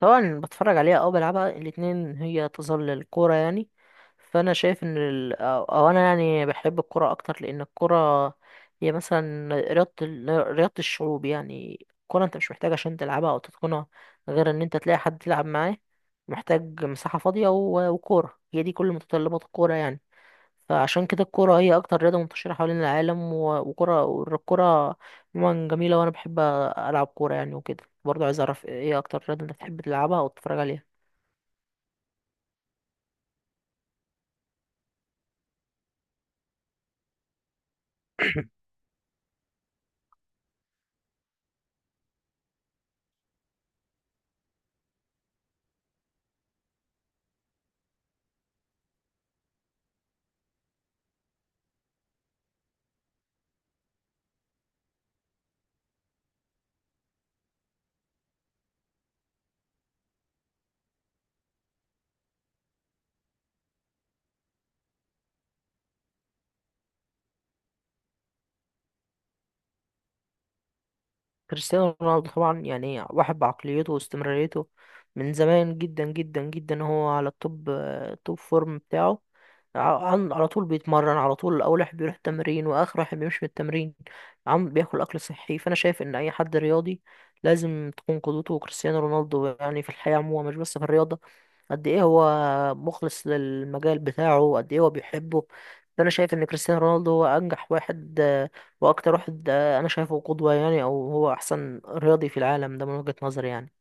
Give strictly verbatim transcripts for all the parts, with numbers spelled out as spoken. طبعا بتفرج عليها او بلعبها الاتنين، هي تظل الكوره يعني. فانا شايف ان ال... او أو انا يعني بحب الكوره اكتر، لان الكوره هي مثلا رياضه ال... رياضه الشعوب يعني. الكوره انت مش محتاج عشان تلعبها او تتقنها غير ان انت تلاقي حد تلعب معاه، محتاج مساحه فاضيه و... وكوره. هي دي كل متطلبات الكوره يعني. فعشان كده الكورة هي أكتر رياضة منتشرة حوالين العالم، و- وكرة والكرة عموما جميلة، وأنا بحب ألعب كورة يعني. وكده برضه عايز أعرف إيه أكتر رياضة أنت بتحب تلعبها أو تتفرج عليها؟ كريستيانو رونالدو طبعا يعني، واحد بعقليته واستمراريته، من زمان جدا جدا جدا هو على التوب، توب فورم بتاعه. ع- عن- على طول بيتمرن، على طول اول واحد بيروح تمرين واخر واحد بيمشي من التمرين. عم بياكل اكل صحي. فانا شايف ان اي حد رياضي لازم تكون قدوته كريستيانو رونالدو يعني، في الحياة عموما مش بس في الرياضة. قد ايه هو مخلص للمجال بتاعه، قد ايه هو بيحبه. فانا شايف ان كريستيانو رونالدو هو انجح واحد، آه، واكتر واحد انا شايفه قدوة يعني، او هو احسن رياضي في العالم ده من وجهة نظري يعني.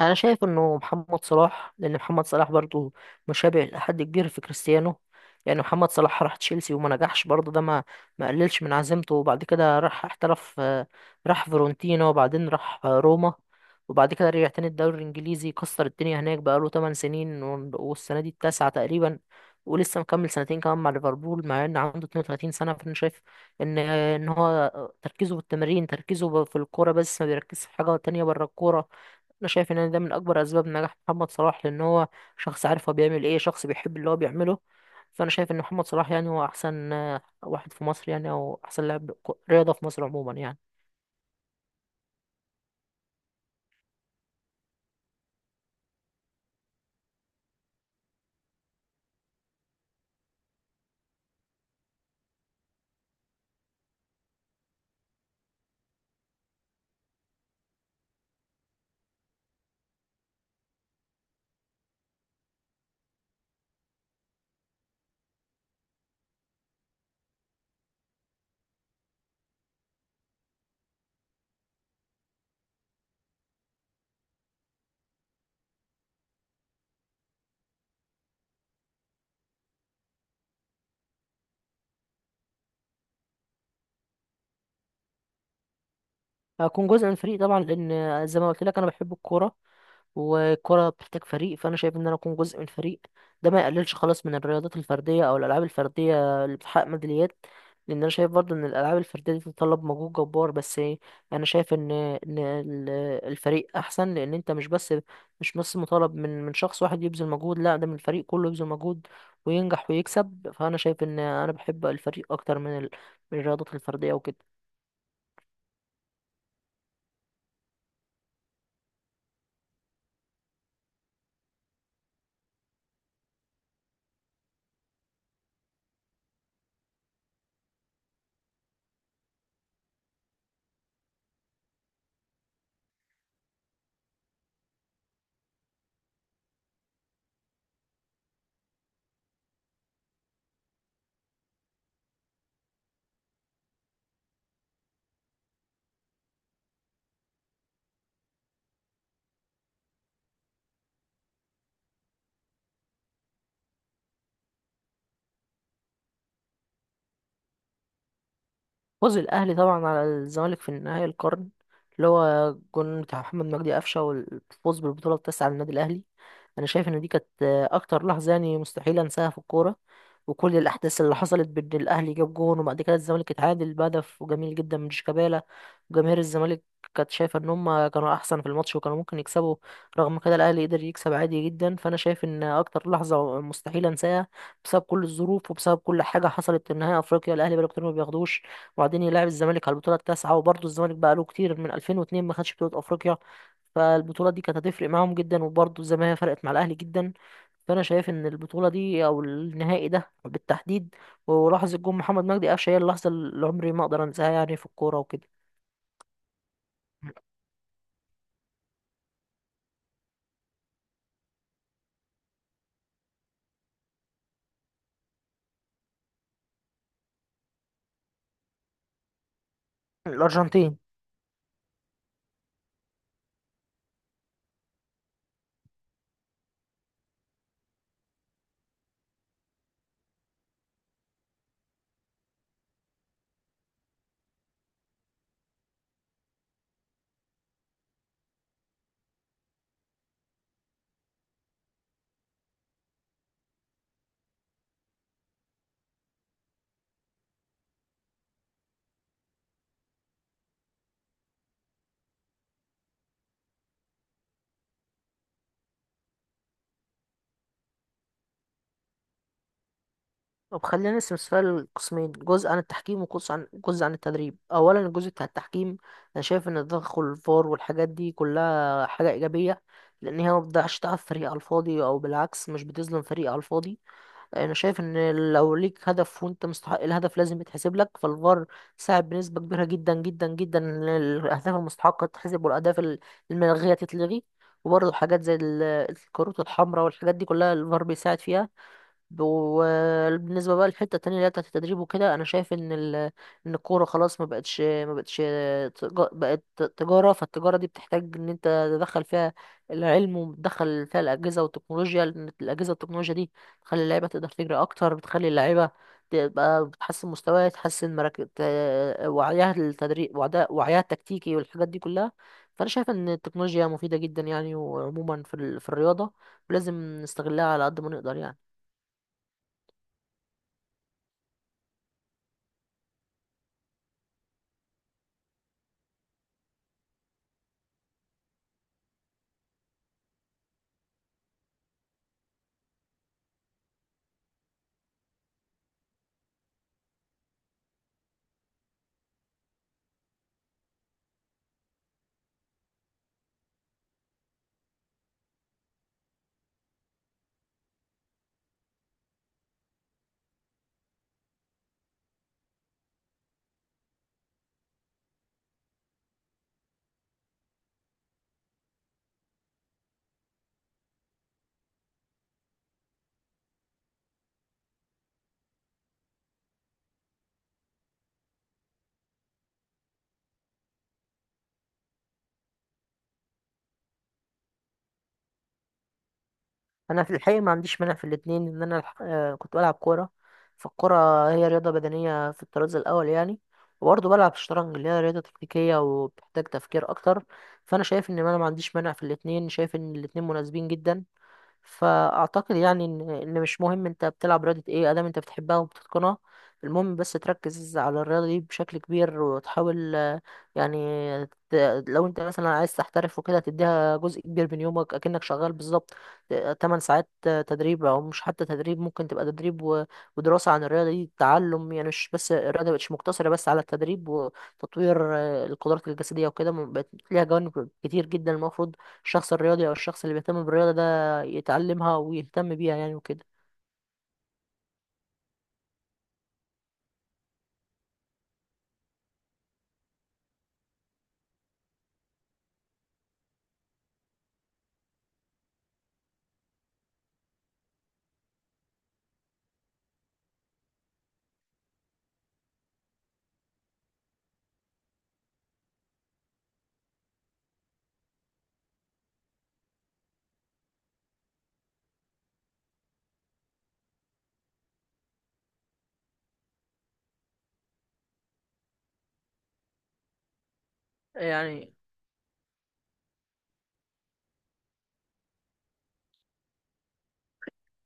انا شايف انه محمد صلاح، لان محمد صلاح برضو مشابه لحد كبير في كريستيانو. يعني محمد صلاح راح تشيلسي وما نجحش، برضو ده ما ما قللش من عزيمته، وبعد كده راح احترف آه، راح فيرونتينا، وبعدين راح آه، روما. وبعد كده رجع تاني الدوري الانجليزي، كسر الدنيا هناك، بقاله 8 سنين و- والسنه دي التاسعه تقريبا. ولسه مكمل سنتين كمان مع ليفربول، مع ان عنده 32 سنه. فانا شايف ان ان هو تركيزه في التمرين، تركيزه في الكوره بس، ما بيركزش في حاجه تانية بره الكوره. انا شايف ان ده من اكبر اسباب نجاح محمد صلاح، لان هو شخص عارف هو بيعمل ايه، شخص بيحب اللي هو بيعمله. فانا شايف ان محمد صلاح يعني هو احسن آه، واحد في مصر يعني، او احسن لاعب كو- رياضة في مصر عموما يعني. هكون جزء من الفريق طبعا، لان زي ما قلت لك انا بحب الكوره، والكرة بتحتاج فريق. فأنا شايف إن أنا أكون جزء من فريق، ده ما يقللش خالص من الرياضات الفردية أو الألعاب الفردية اللي بتحقق ميداليات، لأن أنا شايف برضه إن الألعاب الفردية دي بتتطلب مجهود جبار. بس إيه، أنا شايف إن إن ال- الفريق أحسن، لأن أنت مش بس مش بس مطالب من من شخص واحد يبذل مجهود. لا، ده من الفريق كله يبذل مجهود وينجح ويكسب. فأنا شايف إن أنا بحب الفريق أكتر من ال- من الرياضات الفردية وكده. فوز الأهلي طبعا على الزمالك في نهائي القرن، اللي هو جون بتاع محمد مجدي قفشة، والفوز بالبطولة التاسعة للنادي الأهلي. أنا شايف إن دي كانت أكتر لحظة يعني مستحيل أنساها في الكورة، وكل الأحداث اللي حصلت بين الأهلي، جاب جون، وبعد كده الزمالك اتعادل بهدف وجميل جدا من شيكابالا. وجماهير الزمالك كانت شايفة إن هما كانوا أحسن في الماتش وكانوا ممكن يكسبوا، رغم كده الأهلي قدر يكسب عادي جدا. فأنا شايف إن أكتر لحظة مستحيل أنساها بسبب كل الظروف وبسبب كل حاجة حصلت في نهائي أفريقيا. الأهلي بقاله كتير ما بياخدوش، وبعدين يلعب الزمالك على البطوله التاسعه، وبرضه الزمالك بقى له كتير من الفين واتنين ما خدش بطوله افريقيا. فالبطوله دي كانت هتفرق معاهم جدا، وبرضه زي ما هي فرقت مع الاهلي جدا. فانا شايف ان البطوله دي او النهائي ده بالتحديد ولحظه جون محمد مجدي قفشه هي اللحظه اللي عمري ما اقدر انساها يعني في الكوره وكده. الارجنتين. طب خلينا نقسم السؤال لقسمين، جزء عن التحكيم وجزء عن جزء عن التدريب. اولا، الجزء بتاع التحكيم، انا شايف ان تدخل الفار والحاجات دي كلها حاجه ايجابيه، لان هي ما بتضيعش تعب فريق على الفاضي، او بالعكس مش بتظلم فريق على الفاضي. انا شايف ان لو ليك هدف وانت مستحق الهدف لازم يتحسب لك. فالفار ساعد بنسبه كبيره جدا جدا جدا ان الاهداف المستحقه تتحسب، والاهداف ال- الملغيه تتلغي. وبرضه حاجات زي ال- الكروت الحمراء والحاجات دي كلها الفار بيساعد فيها. وبالنسبه بقى للحته التانية اللي هي بتاعت التدريب وكده، انا شايف ان ال... ان الكوره خلاص ما بقتش ما بقتش تج- بقت تجاره. فالتجاره دي بتحتاج ان انت تدخل فيها العلم وتدخل فيها الاجهزه والتكنولوجيا، لان الاجهزه والتكنولوجيا دي بتخلي اللعيبه تقدر تجري اكتر، بتخلي اللعيبه تبقى بتحسن مستواها، تحسن مراكز وعيها التدريب وعدا- وعيها التكتيكي والحاجات دي كلها. فانا شايف ان التكنولوجيا مفيده جدا يعني، وعموما في ال... في الرياضه، ولازم نستغلها على قد ما نقدر يعني. انا في الحقيقه ما عنديش مانع في الاثنين، ان انا الح- آه، كنت بلعب كوره، فالكوره هي رياضه بدنيه في الطراز الاول يعني. وبرضه بلعب شطرنج اللي هي رياضه تكتيكيه وبتحتاج تفكير اكتر. فانا شايف ان انا ما عنديش مانع في الاثنين، شايف ان الاثنين مناسبين جدا. فاعتقد يعني ان ان مش مهم انت بتلعب رياضة ايه، ادام انت بتحبها وبتتقنها. المهم بس تركز على الرياضة دي بشكل كبير وتحاول، آه، يعني، ت- لو انت مثلا عايز تحترف وكده تديها جزء كبير من يومك، اكنك شغال بالظبط آه، 8 ساعات آه، تدريب. او مش حتى تدريب، ممكن تبقى تدريب و- ودراسة عن الرياضة دي، تعلم يعني. مش بس، الرياضة مبقتش مقتصرة بس على التدريب وتطوير آه، القدرات الجسدية وكده، بقت ليها جوانب كتير جدا. المفروض الشخص الرياضي او الشخص اللي بيهتم بالرياضة يتعلمها ويهتم بيها يعني وكده. يعني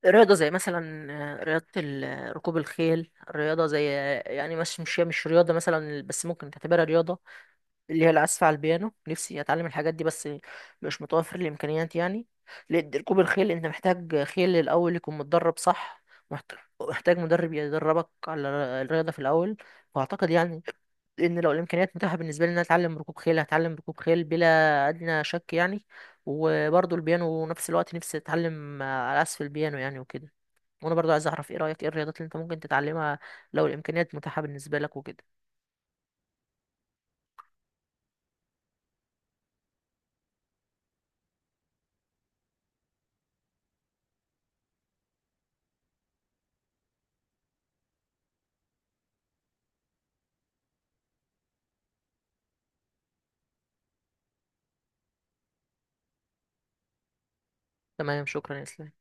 رياضة زي مثلا، آه، رياضة ال- ركوب الخيل، رياضة زي، يعني مش مش هي مش رياضة مثلا بس ممكن تعتبرها رياضة، اللي هي العزف على البيانو. نفسي اتعلم الحاجات دي بس مش متوفر الامكانيات يعني. لأن ركوب الخيل انت محتاج خيل الاول يكون متدرب صح، محت- محتاج مدرب يدربك على الرياضه في الاول. واعتقد يعني ان لو الامكانيات متاحه بالنسبه لي ان أنا اتعلم ركوب خيل، هتعلم ركوب خيل بلا ادنى شك يعني. وبرضه البيانو نفس الوقت، نفسي اتعلم على عزف البيانو يعني وكده. وانا برضه عايز اعرف ايه رايك، ايه الرياضات اللي انت ممكن تتعلمها لو الامكانيات متاحه بالنسبه لك وكده؟ تمام، شكرا يا اسلام.